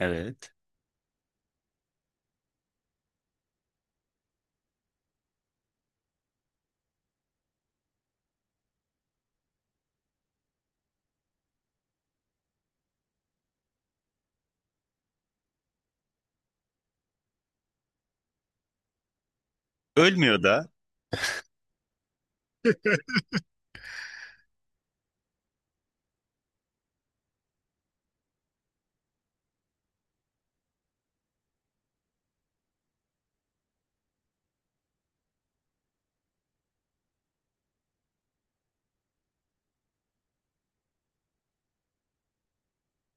Evet. Ölmüyor da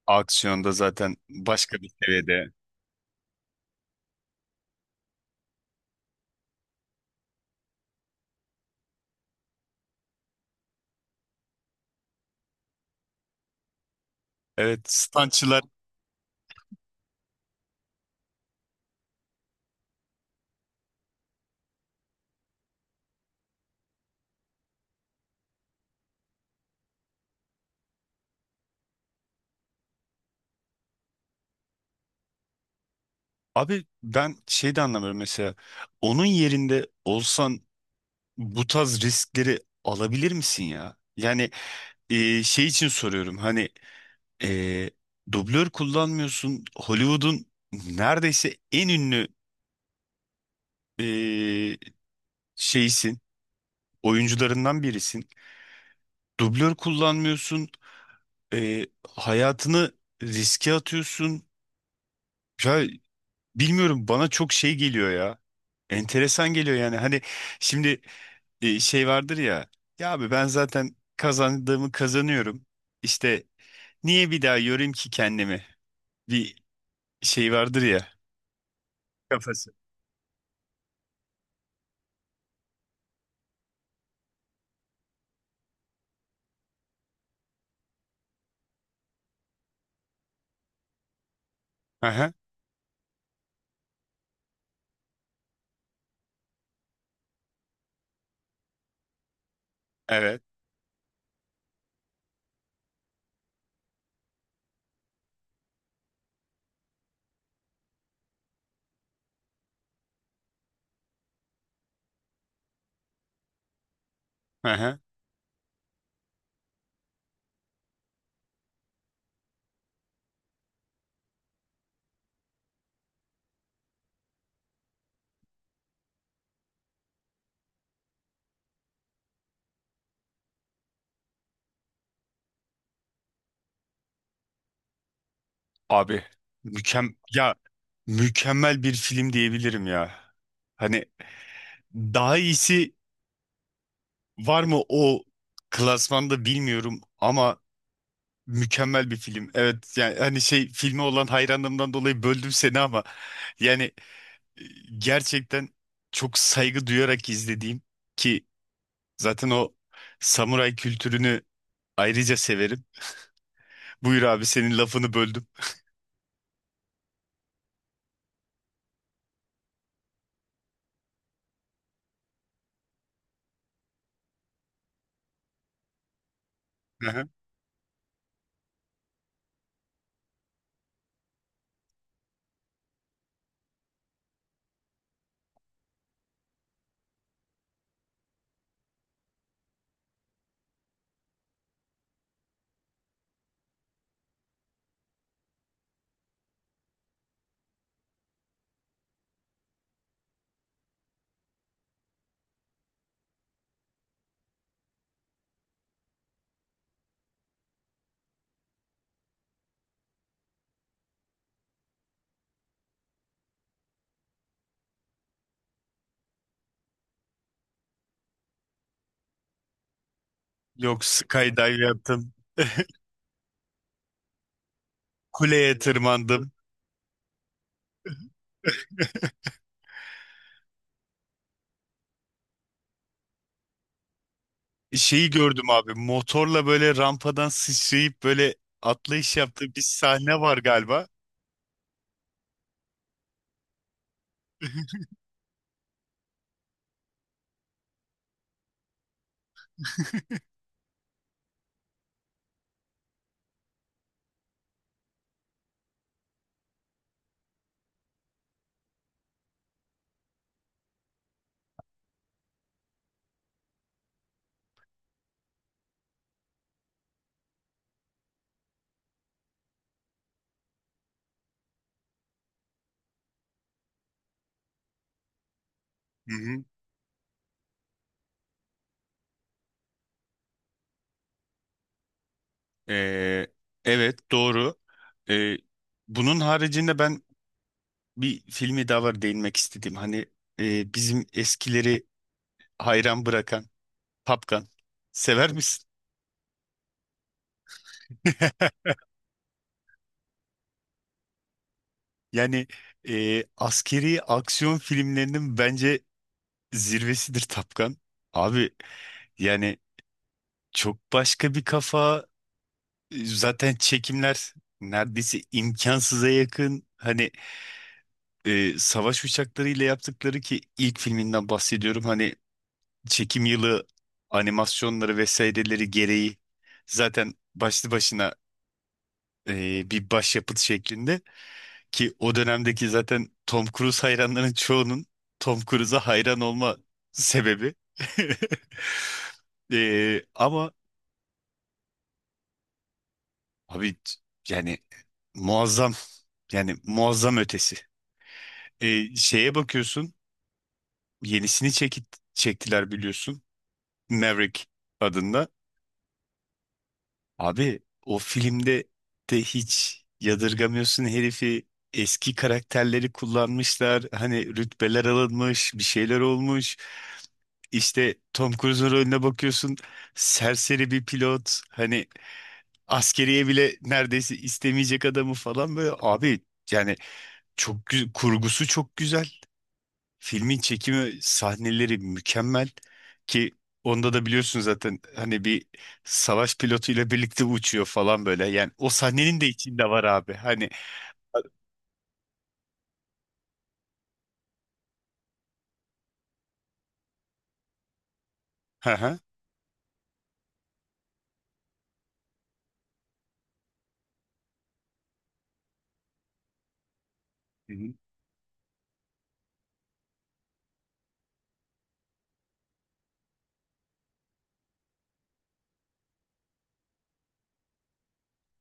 aksiyonda zaten başka bir seviyede. Evet, stuntçılar. Abi ben şey de anlamıyorum mesela. Onun yerinde olsan bu tarz riskleri alabilir misin ya? Yani şey için soruyorum. Hani e, dublör kullanmıyorsun. Hollywood'un neredeyse en ünlü e, şeysin. Oyuncularından birisin. Dublör kullanmıyorsun. E, Hayatını riske atıyorsun. Ya bilmiyorum, bana çok şey geliyor ya. Enteresan geliyor yani. Hani şimdi şey vardır ya. Ya abi ben zaten kazandığımı kazanıyorum. İşte niye bir daha yorayım ki kendimi? Bir şey vardır ya. Kafası. Aha, evet. Aha. Abi mükem ya mükemmel bir film diyebilirim ya. Hani daha iyisi var mı o klasmanda bilmiyorum ama mükemmel bir film. Evet yani hani şey, filme olan hayranlığımdan dolayı böldüm seni ama yani e, gerçekten çok saygı duyarak izlediğim, ki zaten o samuray kültürünü ayrıca severim. Buyur abi, senin lafını böldüm. Hı hı. Yok, skydive yaptım. Kuleye tırmandım. Şeyi gördüm abi. Motorla böyle rampadan sıçrayıp böyle atlayış yaptığı bir sahne var galiba. Hı hı. Ee, evet, doğru. Ee, Bunun haricinde ben bir filmi daha var değinmek istedim. Hani bizim eskileri hayran bırakan Tapkan. Sever misin? Yani askeri aksiyon filmlerinin bence zirvesidir Tapkan. Abi yani çok başka bir kafa, zaten çekimler neredeyse imkansıza yakın. Hani savaş uçaklarıyla yaptıkları, ki ilk filminden bahsediyorum. Hani çekim yılı, animasyonları vesaireleri gereği zaten başlı başına bir başyapıt şeklinde, ki o dönemdeki zaten Tom Cruise hayranların çoğunun Tom Cruise'a hayran olma sebebi. Ama abi yani muazzam, yani muazzam ötesi. Şeye bakıyorsun. Yenisini çektiler, biliyorsun. Maverick adında. Abi o filmde de hiç yadırgamıyorsun herifi. Eski karakterleri kullanmışlar. Hani rütbeler alınmış, bir şeyler olmuş. İşte Tom Cruise'un rolüne bakıyorsun. Serseri bir pilot. Hani askeriye bile neredeyse istemeyecek adamı falan böyle. Abi yani kurgusu çok güzel. Filmin çekimi, sahneleri mükemmel, ki onda da biliyorsun zaten hani bir savaş pilotuyla birlikte uçuyor falan böyle. Yani o sahnenin de içinde var abi. Hani hı hı. Hı hı.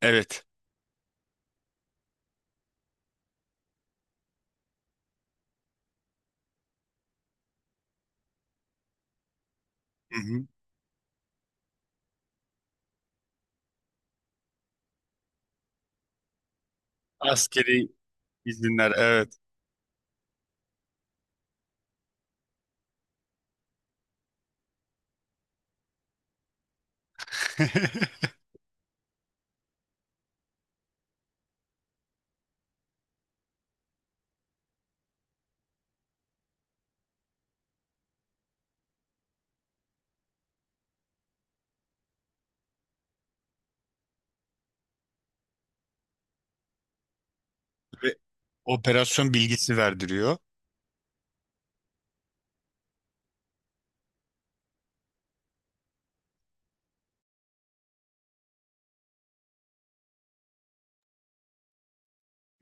Evet. Hı hı. Askeri izinler, evet. Ve operasyon bilgisi verdiriyor.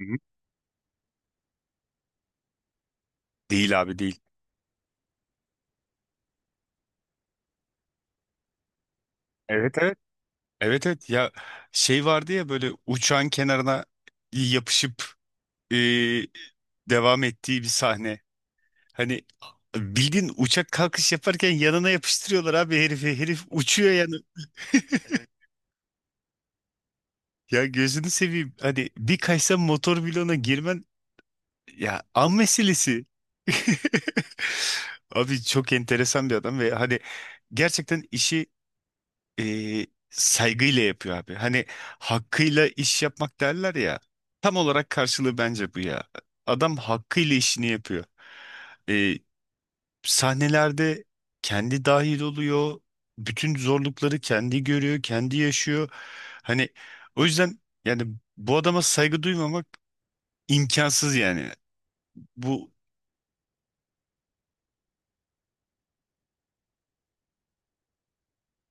Hı hı. Değil abi, değil. Evet, evet. Evet, evet ya, şey vardı ya, böyle uçağın kenarına yapışıp e, devam ettiği bir sahne. Hani bildiğin uçak kalkış yaparken yanına yapıştırıyorlar abi herifi. Herif uçuyor yani. Ya gözünü seveyim. Hani bir kaysa motor bloğuna girmen ya an meselesi. Abi çok enteresan bir adam ve hani gerçekten işi saygıyla yapıyor abi. Hani hakkıyla iş yapmak derler ya. Tam olarak karşılığı bence bu ya. Adam hakkıyla işini yapıyor. Sahnelerde kendi dahil oluyor. Bütün zorlukları kendi görüyor, kendi yaşıyor. Hani o yüzden yani bu adama saygı duymamak imkansız yani. Bu.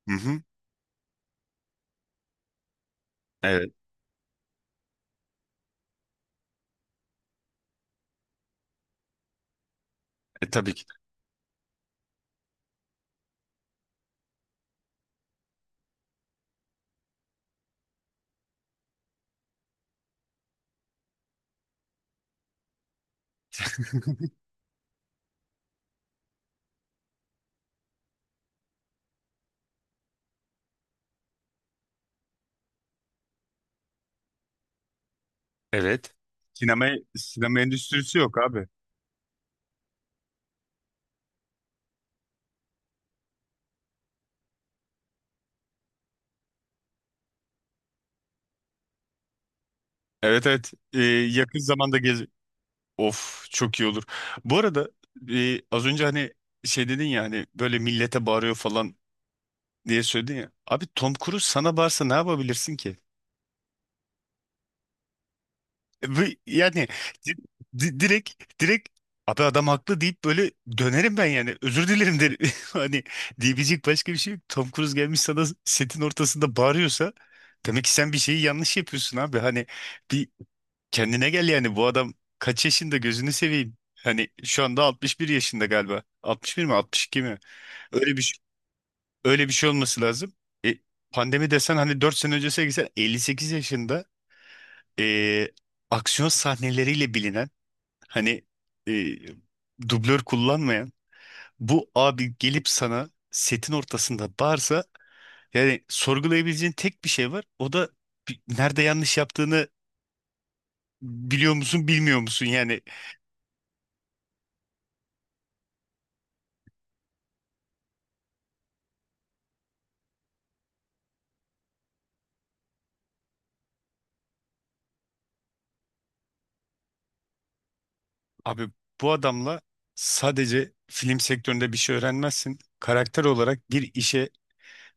Hı hı. Evet, tabii ki. Evet. Sinema sinema endüstrisi yok abi. Evet, evet. Yakın zamanda gez. Of, çok iyi olur. Bu arada az önce hani şey dedin ya, hani böyle millete bağırıyor falan diye söyledin ya. Abi Tom Cruise sana bağırsa ne yapabilirsin ki? Bu, yani di- direkt abi adam haklı deyip böyle dönerim ben, yani özür dilerim derim. Hani diyebilecek başka bir şey yok. Tom Cruise gelmiş sana setin ortasında bağırıyorsa demek ki sen bir şeyi yanlış yapıyorsun abi. Hani bir kendine gel yani, bu adam kaç yaşında gözünü seveyim. Hani şu anda 61 yaşında galiba. 61 mi, 62 mi? Öyle bir şey- Öyle bir şey olması lazım. E, Pandemi desen hani 4 sene öncesine gitsen 58 yaşında e, aksiyon sahneleriyle bilinen, hani e, dublör kullanmayan bu abi gelip sana setin ortasında bağırsa, yani sorgulayabileceğin tek bir şey var. O da nerede yanlış yaptığını biliyor musun, bilmiyor musun? Yani abi bu adamla sadece film sektöründe bir şey öğrenmezsin. Karakter olarak bir işe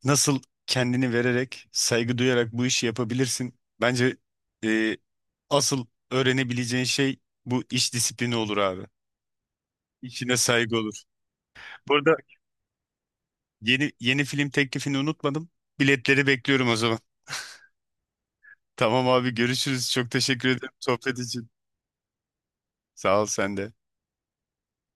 nasıl kendini vererek, saygı duyarak bu işi yapabilirsin. Bence e, asıl öğrenebileceğin şey bu iş disiplini olur abi. İşine saygı olur. Burada yeni yeni film teklifini unutmadım. Biletleri bekliyorum o zaman. Tamam abi, görüşürüz. Çok teşekkür ederim sohbet için. Sağ ol sen de.